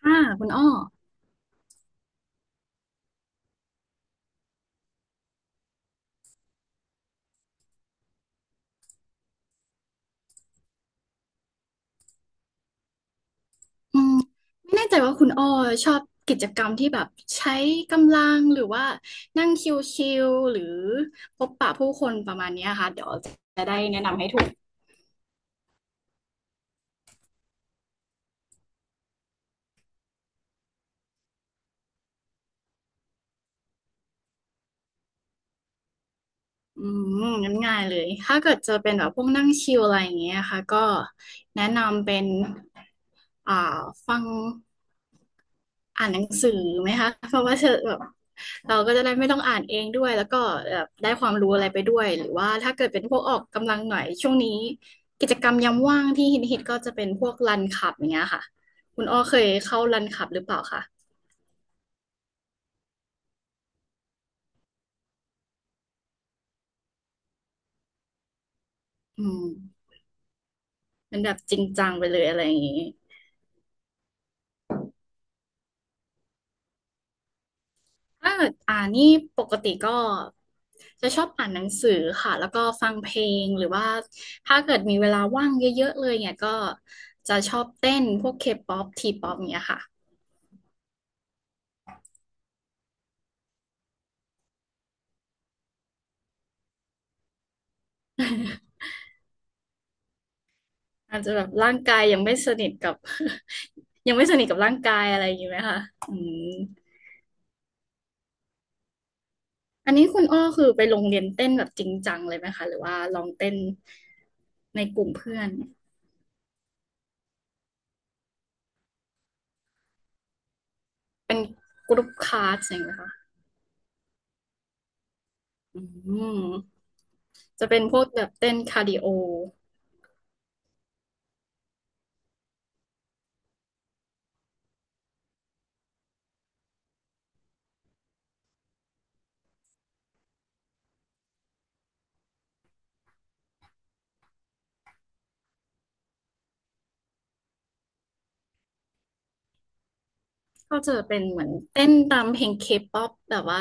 ค่ะคุณอ้ออืมไม่แน่ใจว่าคุณอ้อชอบกิจกรรมที่แบบใช้กำลังหรือว่านั่งชิลๆหรือพบปะผู้คนประมาณเนี้ยค่ะเดี๋ยวจะได้แนะนำให้ถูกอืมงั้นง่ายเลยถ้าเกิดจะเป็นแบบพวกนั่งชิลอะไรอย่างเงี้ยค่ะก็แนะนำเป็นอ่าฟัง อ่านหนังสือไหมคะเพราะว่าเธอแบบเราก็จะได้ไม่ต้องอ่านเองด้วยแล้วก็แบบได้ความรู้อะไรไปด้วยหรือว่าถ้าเกิดเป็นพวกออกกำลังหน่อยช่วงนี้กิจกรรมยามว่างที่ฮิตก็จะเป็นพวกรันขับอย่างเงี้ยค่ะคุณอ้อเคยเข้ารันขับหรือเปล่าคะอืมเป็นแบบจริงจังไปเลยอะไรอย่างงี้ถ้าเกิดอ่านนี่ปกติก็จะชอบอ่านหนังสือค่ะแล้วก็ฟังเพลงหรือว่าถ้าเกิดมีเวลาว่างเยอะๆเลยเนี่ยก็จะชอบเต้นพวกเคป๊อปทีป๊อปเนี่ยค่ะ อาจจะแบบร่างกายยังไม่สนิทกับ ยังไม่สนิทกับร่างกายอะไรอย่างนี้ไหมคะอืมอันนี้คุณอ้อคือไปโรงเรียนเต้นแบบจริงจังเลยไหมคะหรือว่าลองเต้นในกลุ่มเพื่อนเป็นกรุ๊ปคลาสอย่างเงี้ยค่ะอืมจะเป็นพวกแบบเต้นคาร์ดิโอก็จะเป็นเหมือนเต้นตามเพลงเคป๊อปแต่ว่า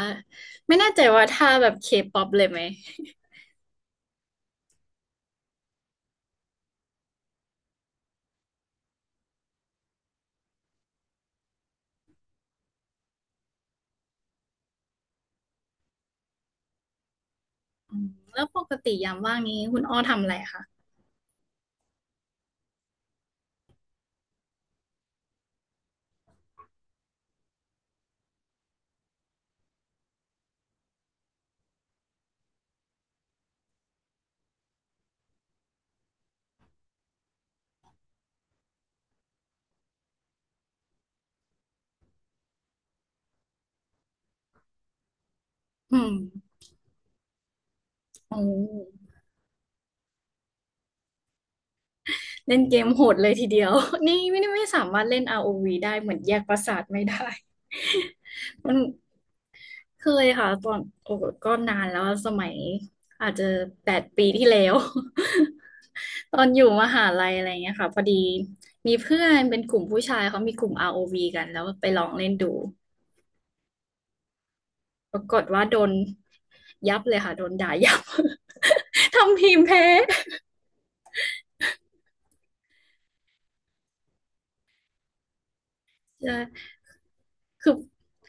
ไม่แน่ใจว่าท่าแบบเคป๊อปเลยไหมอืมแล้วปกติยามว่างนี้คุณอ้อทำอะไรคะอืมโอ้อ เล่นเกมโหดเลยทีเดียว นี่ไม่ได้ไม่สามารถเล่น ROV ได้เหมือนแยกประสาทไม่ได้ มันเคยค่ะตอนโอ้ก็นานแล้วสมัยอาจจะ8 ปีที่แล้ว ตอนอยู่มหาลัยอะไรเงี้ยค่ะพอดีมีเพื่อนเป็นกลุ่มผู้ชายเขามีกลุ่ม ROV กันแล้วไปลองเล่นดูปรากฏว่าโดนยับเลยค่ะโดนด่ายับ ทำทีมแพ้ คือ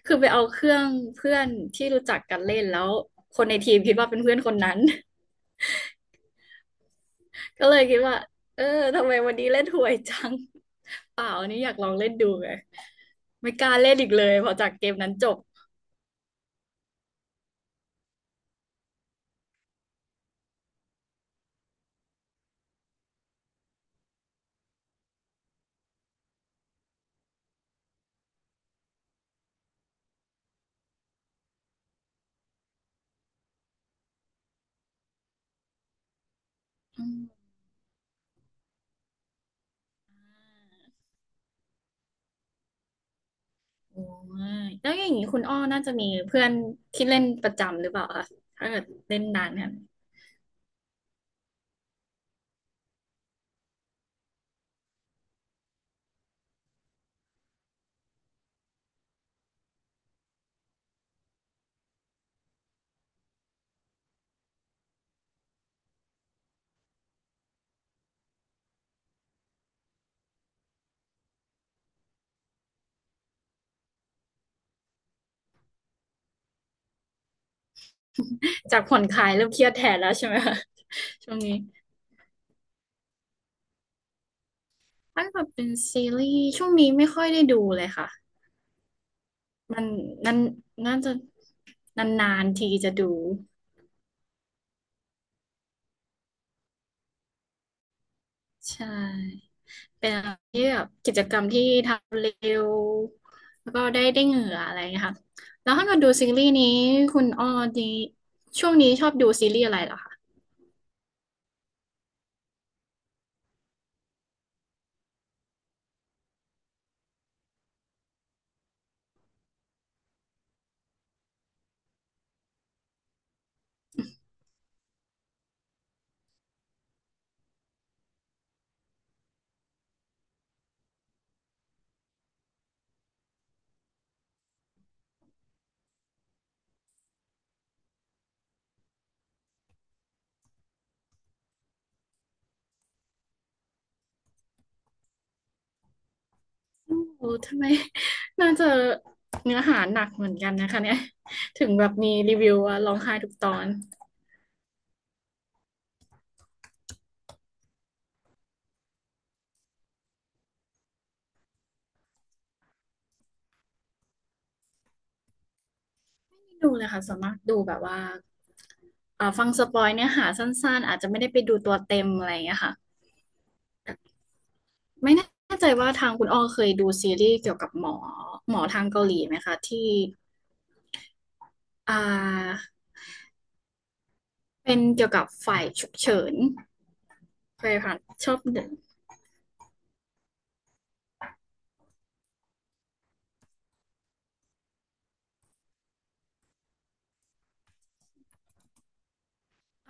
คือไปเอาเครื่องเพื่อนที่รู้จักกันเล่นแล้วคนในทีมคิดว่าเป็นเพื่อนคนนั้น ก็เลยคิดว่าเออทำไมวันนี้เล่นหวยจัง เปล่าอันนี้อยากลองเล่นดูไงไม่กล้าเล่นอีกเลยพอจากเกมนั้นจบอืมโอ้ยแล้วอย่างนี้คุณอ้อน่าจะมีเพื่อนที่เล่นประจำหรือเปล่าคะถ้าเกิดเล่นนานกันจากผ่อนคลายเริ่มเครียดแทนแล้วใช่ไหมคะช่วงนี้ถ้าเกิดเป็นซีรีส์ช่วงนี้ไม่ค่อยได้ดูเลยค่ะ มันนั้นน่าจะนานๆทีจะดูใช่เป็นอะไรที่แบบกิจกรรมที่ทำเร็วแล้วก็ได้ได้เหงื่ออะไรอย่างเงี้ยค่ะแล้วถ้ามาดูซีรีส์นี้คุณอ้อดีช่วงนี้ชอบดูซีรีส์อะไรเหรอคะโอ้ทำไม น่าจะเนื้อหาหนักเหมือนกันนะคะเนี่ยถึงแบบมีรีวิวว่าร้องไห้ทุกตอนไม่ดูเลยค่ะส่วนมากดูแบบว่าฟังสปอยเนื้อหาสั้นๆอาจจะไม่ได้ไปดูตัวเต็มอะไรอย่างเงี้ยค่ะ ไม่แน่ใจว่าทางคุณอ้อเคยดูซีรีส์เกี่ยวกับหมอทางเกาหลีไหมคะที่อ่าเป็นเกี่ยวกับฝ่ายฉุกเฉินเคยผ่านชอบเดิน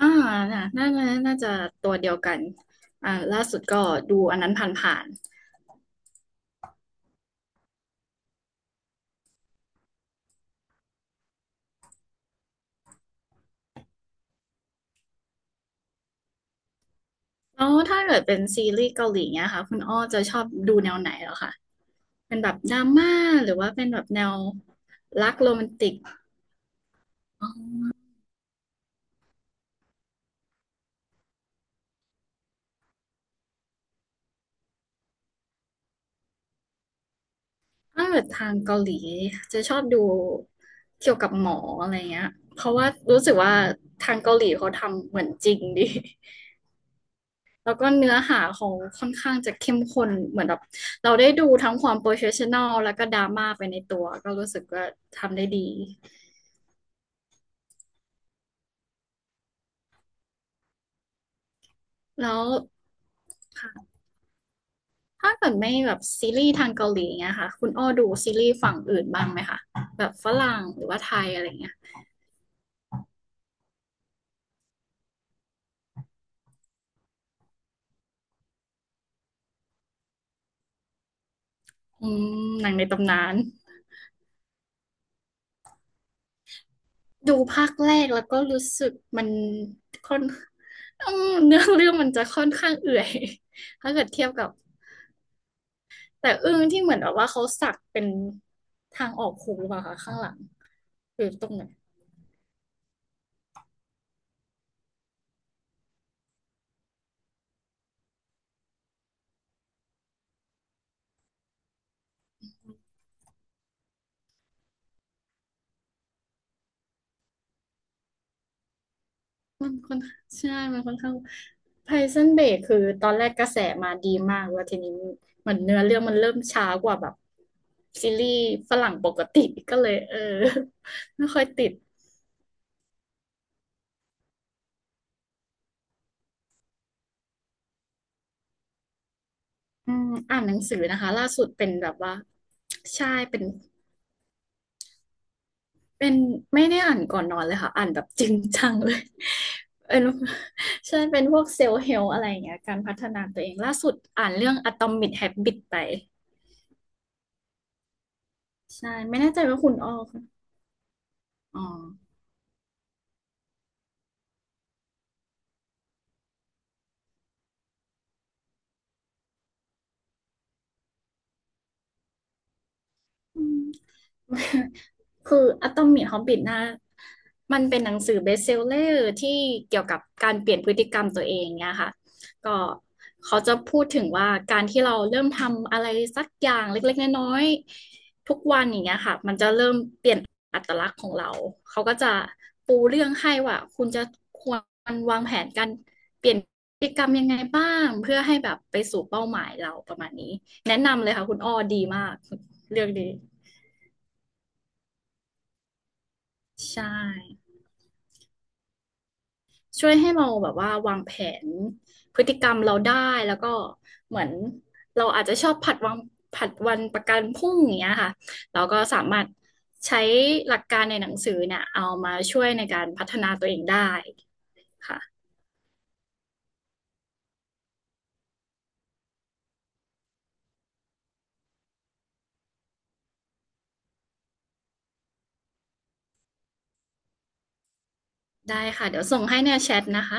อ่าน่ะน่าน่าน่าจะตัวเดียวกันล่าสุดก็ดูอันนั้นผ่านๆแล้วถ้าเกิดเป็นซีรีส์เกาหลีเนี่ยค่ะคุณอ้อจะชอบดูแนวไหนเหรอคะเป็นแบบดราม่าหรือว่าเป็นแบบแนวรักโรแมนติก ถ้าเกิดทางเกาหลีจะชอบดูเกี่ยวกับหมออะไรเงี้ยเพราะว่ารู้สึกว่าทางเกาหลีเขาทำเหมือนจริงดี แล้วก็เนื้อหาเขาค่อนข้างจะเข้มข้นเหมือนแบบเราได้ดูทั้งความโปรเฟชชั่นอลแล้วก็ดราม่าไปในตัวก็รู้สึกว่าทำได้ดีแล้วค่ะถ้าเกิดไม่แบบซีรีส์ทางเกาหลีเงี้ยค่ะคุณอ้อดูซีรีส์ฝั่งอื่นบ้างไหมคะแบบฝรั่งหรือว่าไทยอะไรเงี้ยอืมหนังในตำนาน ดูภาคแรกแล้วก็รู้สึกมันค่อน อืมเนื้อเรื่องมันจะค่อนข้างเอื่อย ถ้าเกิดเทียบกับแต่อึ้งที่เหมือนแบบว่าเขาสักเป็นทางออกหูหรือเปล่าคะข้างหลังหรือตรงไหนมันค่อนใช่มันค่อนข้างไพซันเบกคือตอนแรกกระแสมาดีมากแล้วทีนี้เหมือนเนื้อเรื่องมันเริ่มช้ากว่าแบบซีรีส์ฝรั่งปกติก็เลยเออ ไม่ค่อยติดอืมอ่านหนังสือนะคะล่าสุดเป็นแบบว่าใช่เป็น เป็นไม่ได้อ่านก่อนนอนเลยค่ะอ่านแบบจริงจังเลย เป็นใช่เป็นพวกเซลล์เฮลอะไรอย่างเงี้ยการพัฒนาตัวเองล่าสุดอ่านเรื่อง Atomic Habits ไปใช่ไม่แน่ใจว่าคุณอ้อค่ะอ๋ออืม คืออ t ตอมิ h ฮอบบินะมันเป็นหนังสือเบสเซลเลอร์ที่เกี่ยวกับการเปลี่ยนพฤติกรรมตัวเองเนี่ยค่ะก็เขาจะพูดถึงว่าการที่เราเริ่มทำอะไรสักอย่างเล็กๆน้อยๆทุกวันอย่างเงี้ยค่ะมันจะเริ่มเปลี่ยนอัตลักษณ์ของเราเขาก็จะปูเรื่องให้ว่าคุณจะควรวางแผนการเปลี่ยนพฤติกรรมยังไงบ้างเพื่อให้แบบไปสู่เป้าหมายเราประมาณนี้แนะนำเลยค่ะคุณอ้อดีมากเรื่องดี ใช่ช่วยให้เราแบบว่าวางแผนพฤติกรรมเราได้แล้วก็เหมือนเราอาจจะชอบผัดวางผัดวันประกันพรุ่งอย่างเงี้ยค่ะเราก็สามารถใช้หลักการในหนังสือเนี่ยเอามาช่วยในการพัฒนาตัวเองได้ค่ะได้ค่ะเดี๋ยวส่งให้ในแชทนะคะ